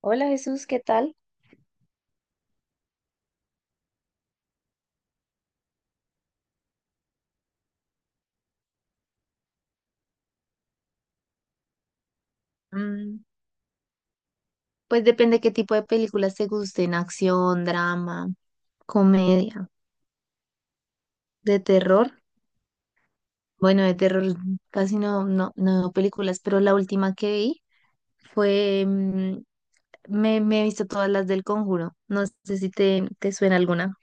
Hola Jesús, ¿qué tal? Mm, Pues depende qué tipo de películas te gusten, acción, drama, comedia, de terror. Bueno, de terror casi no veo películas, pero la última que vi fue, me he visto todas las del Conjuro. No sé si te suena alguna.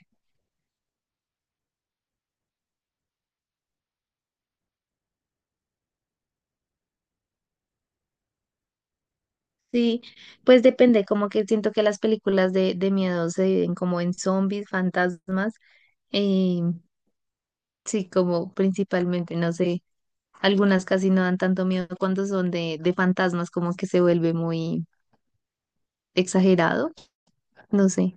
Sí, pues depende, como que siento que las películas de miedo se dividen como en zombies, fantasmas, eh, sí, como principalmente, no sé. Algunas casi no dan tanto miedo cuando son de fantasmas, como que se vuelve muy exagerado. No sé.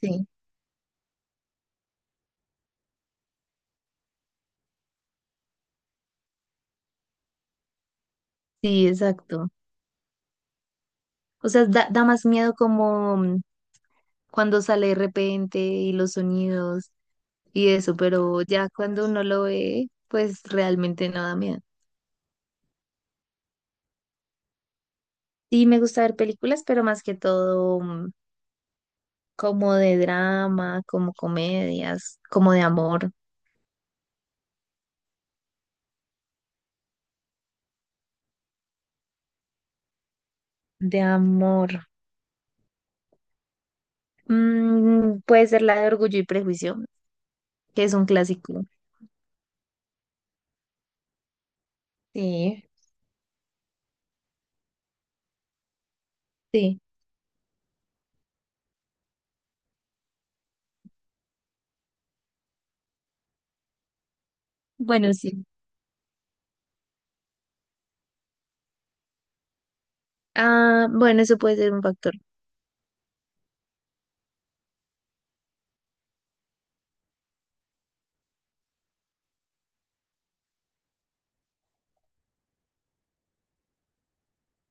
Sí, sí, exacto. O sea, da más miedo como cuando sale de repente y los sonidos y eso, pero ya cuando uno lo ve, pues realmente no da miedo. Sí, me gusta ver películas, pero más que todo como de drama, como comedias, como de amor, de amor. Puede ser la de Orgullo y Prejuicio, que es un clásico. Sí, sí. Bueno, sí. Ah, bueno, eso puede ser un factor.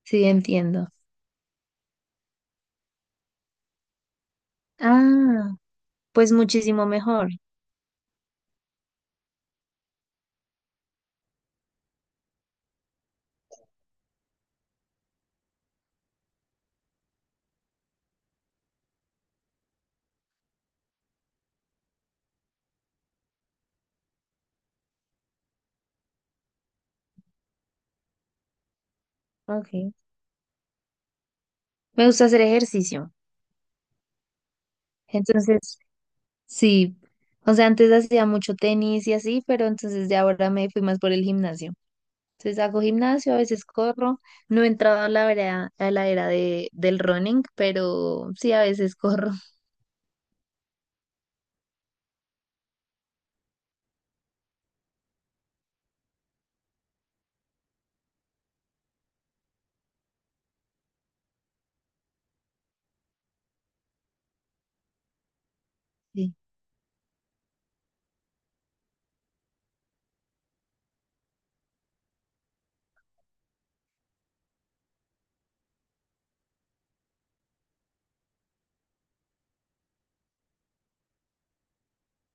Sí, entiendo. Ah, pues muchísimo mejor. Ok. Me gusta hacer ejercicio. Entonces, sí. O sea, antes hacía mucho tenis y así, pero entonces de ahora me fui más por el gimnasio. Entonces hago gimnasio, a veces corro. No he entrado a la era del running, pero sí, a veces corro. Sí,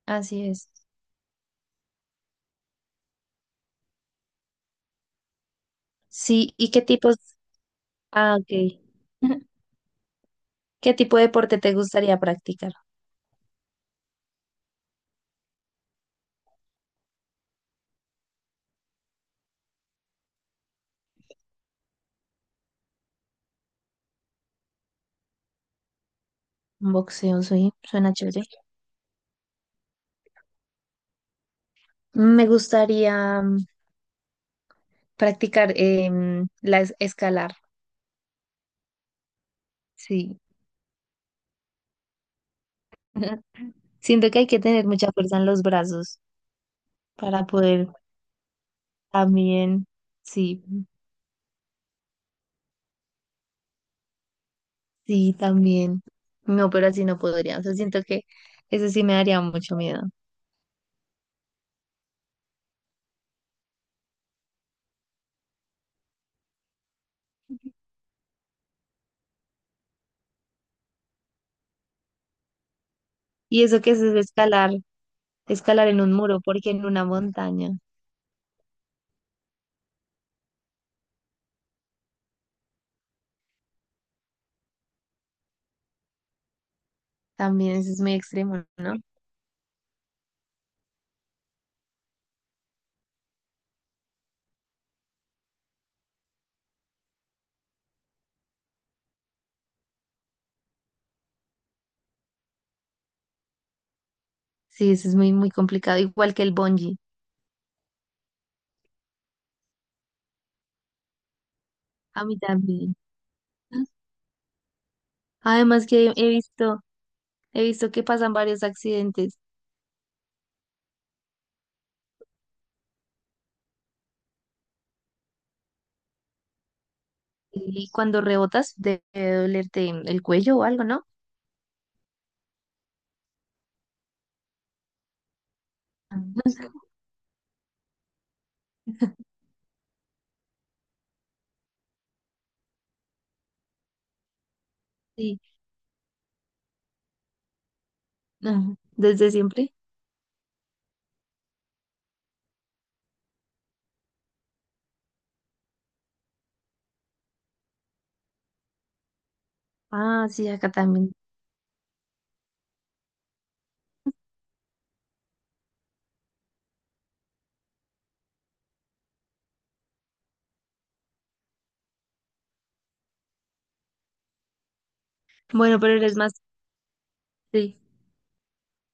así es. Sí, ¿y qué tipos? Ah, ok. ¿Qué tipo de deporte te gustaría practicar? Boxeo, sí, suena chévere. Me gustaría practicar escalar, sí. Siento que hay que tener mucha fuerza en los brazos para poder también, sí, sí, también. No, pero así no podría. O sea, siento que eso sí me daría mucho miedo. Y eso que es escalar, escalar en un muro, porque en una montaña también eso es muy extremo, ¿no? Sí, eso es muy, muy complicado. Igual que el bungee. A mí también. Además que he visto que pasan varios accidentes y cuando rebotas debe dolerte el cuello o algo, ¿no? Sí, ajá, desde siempre. Ah, sí, acá también. Bueno, pero eres más, sí,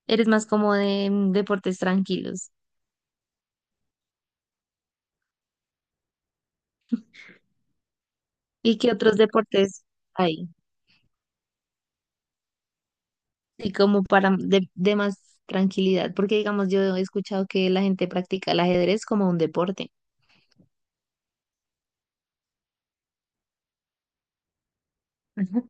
eres más como de deportes tranquilos. ¿Y qué otros deportes hay? Y como para de más tranquilidad, porque digamos, yo he escuchado que la gente practica el ajedrez como un deporte. Ujú.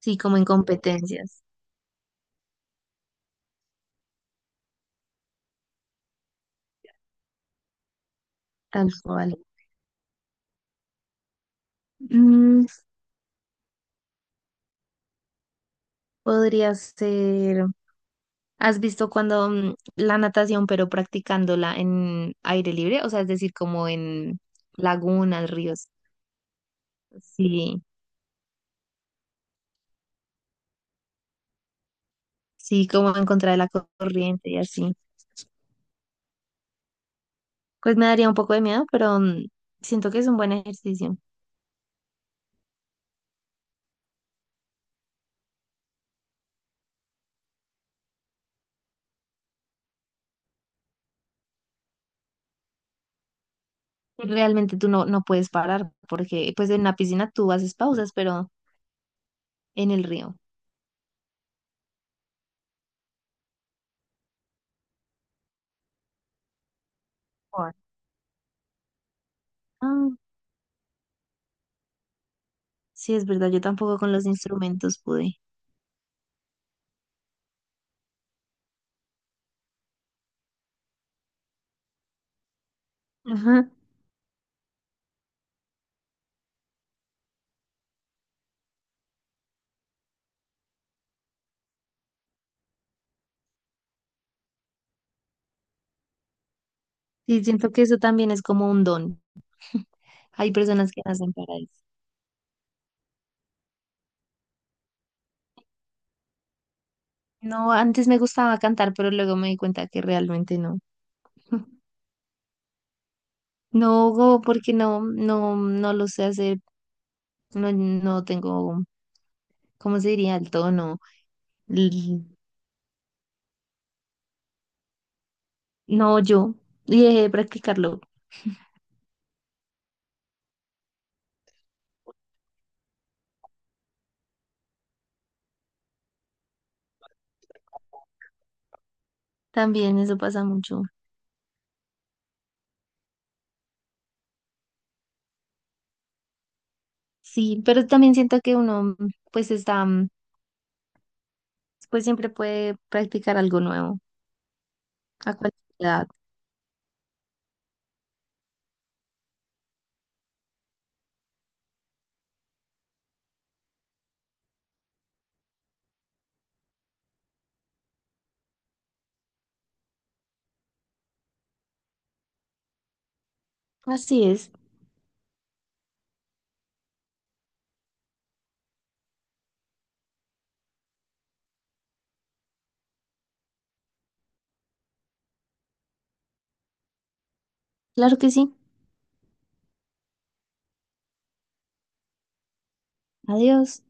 Sí, como en competencias, tal cual. Mm, Podría ser, ¿has visto cuando la natación, pero practicándola en aire libre? O sea, es decir, como en lagunas, ríos. Sí, sí, como en contra de la corriente y así. Pues me daría un poco de miedo, pero siento que es un buen ejercicio. Y realmente tú no puedes parar, porque pues en la piscina tú haces pausas, pero en el río. Por- Ah, sí, es verdad, yo tampoco con los instrumentos pude. Ajá. Sí, siento que eso también es como un don. Hay personas que nacen para eso. No, antes me gustaba cantar, pero luego me di cuenta que realmente no. Porque no lo sé hacer, no tengo, ¿cómo se diría? El tono, l- no yo, y dejé de practicarlo, también eso pasa mucho, sí, pero también siento que uno, pues está, pues siempre puede practicar algo nuevo, a cualquier edad, así es, claro que sí, adiós.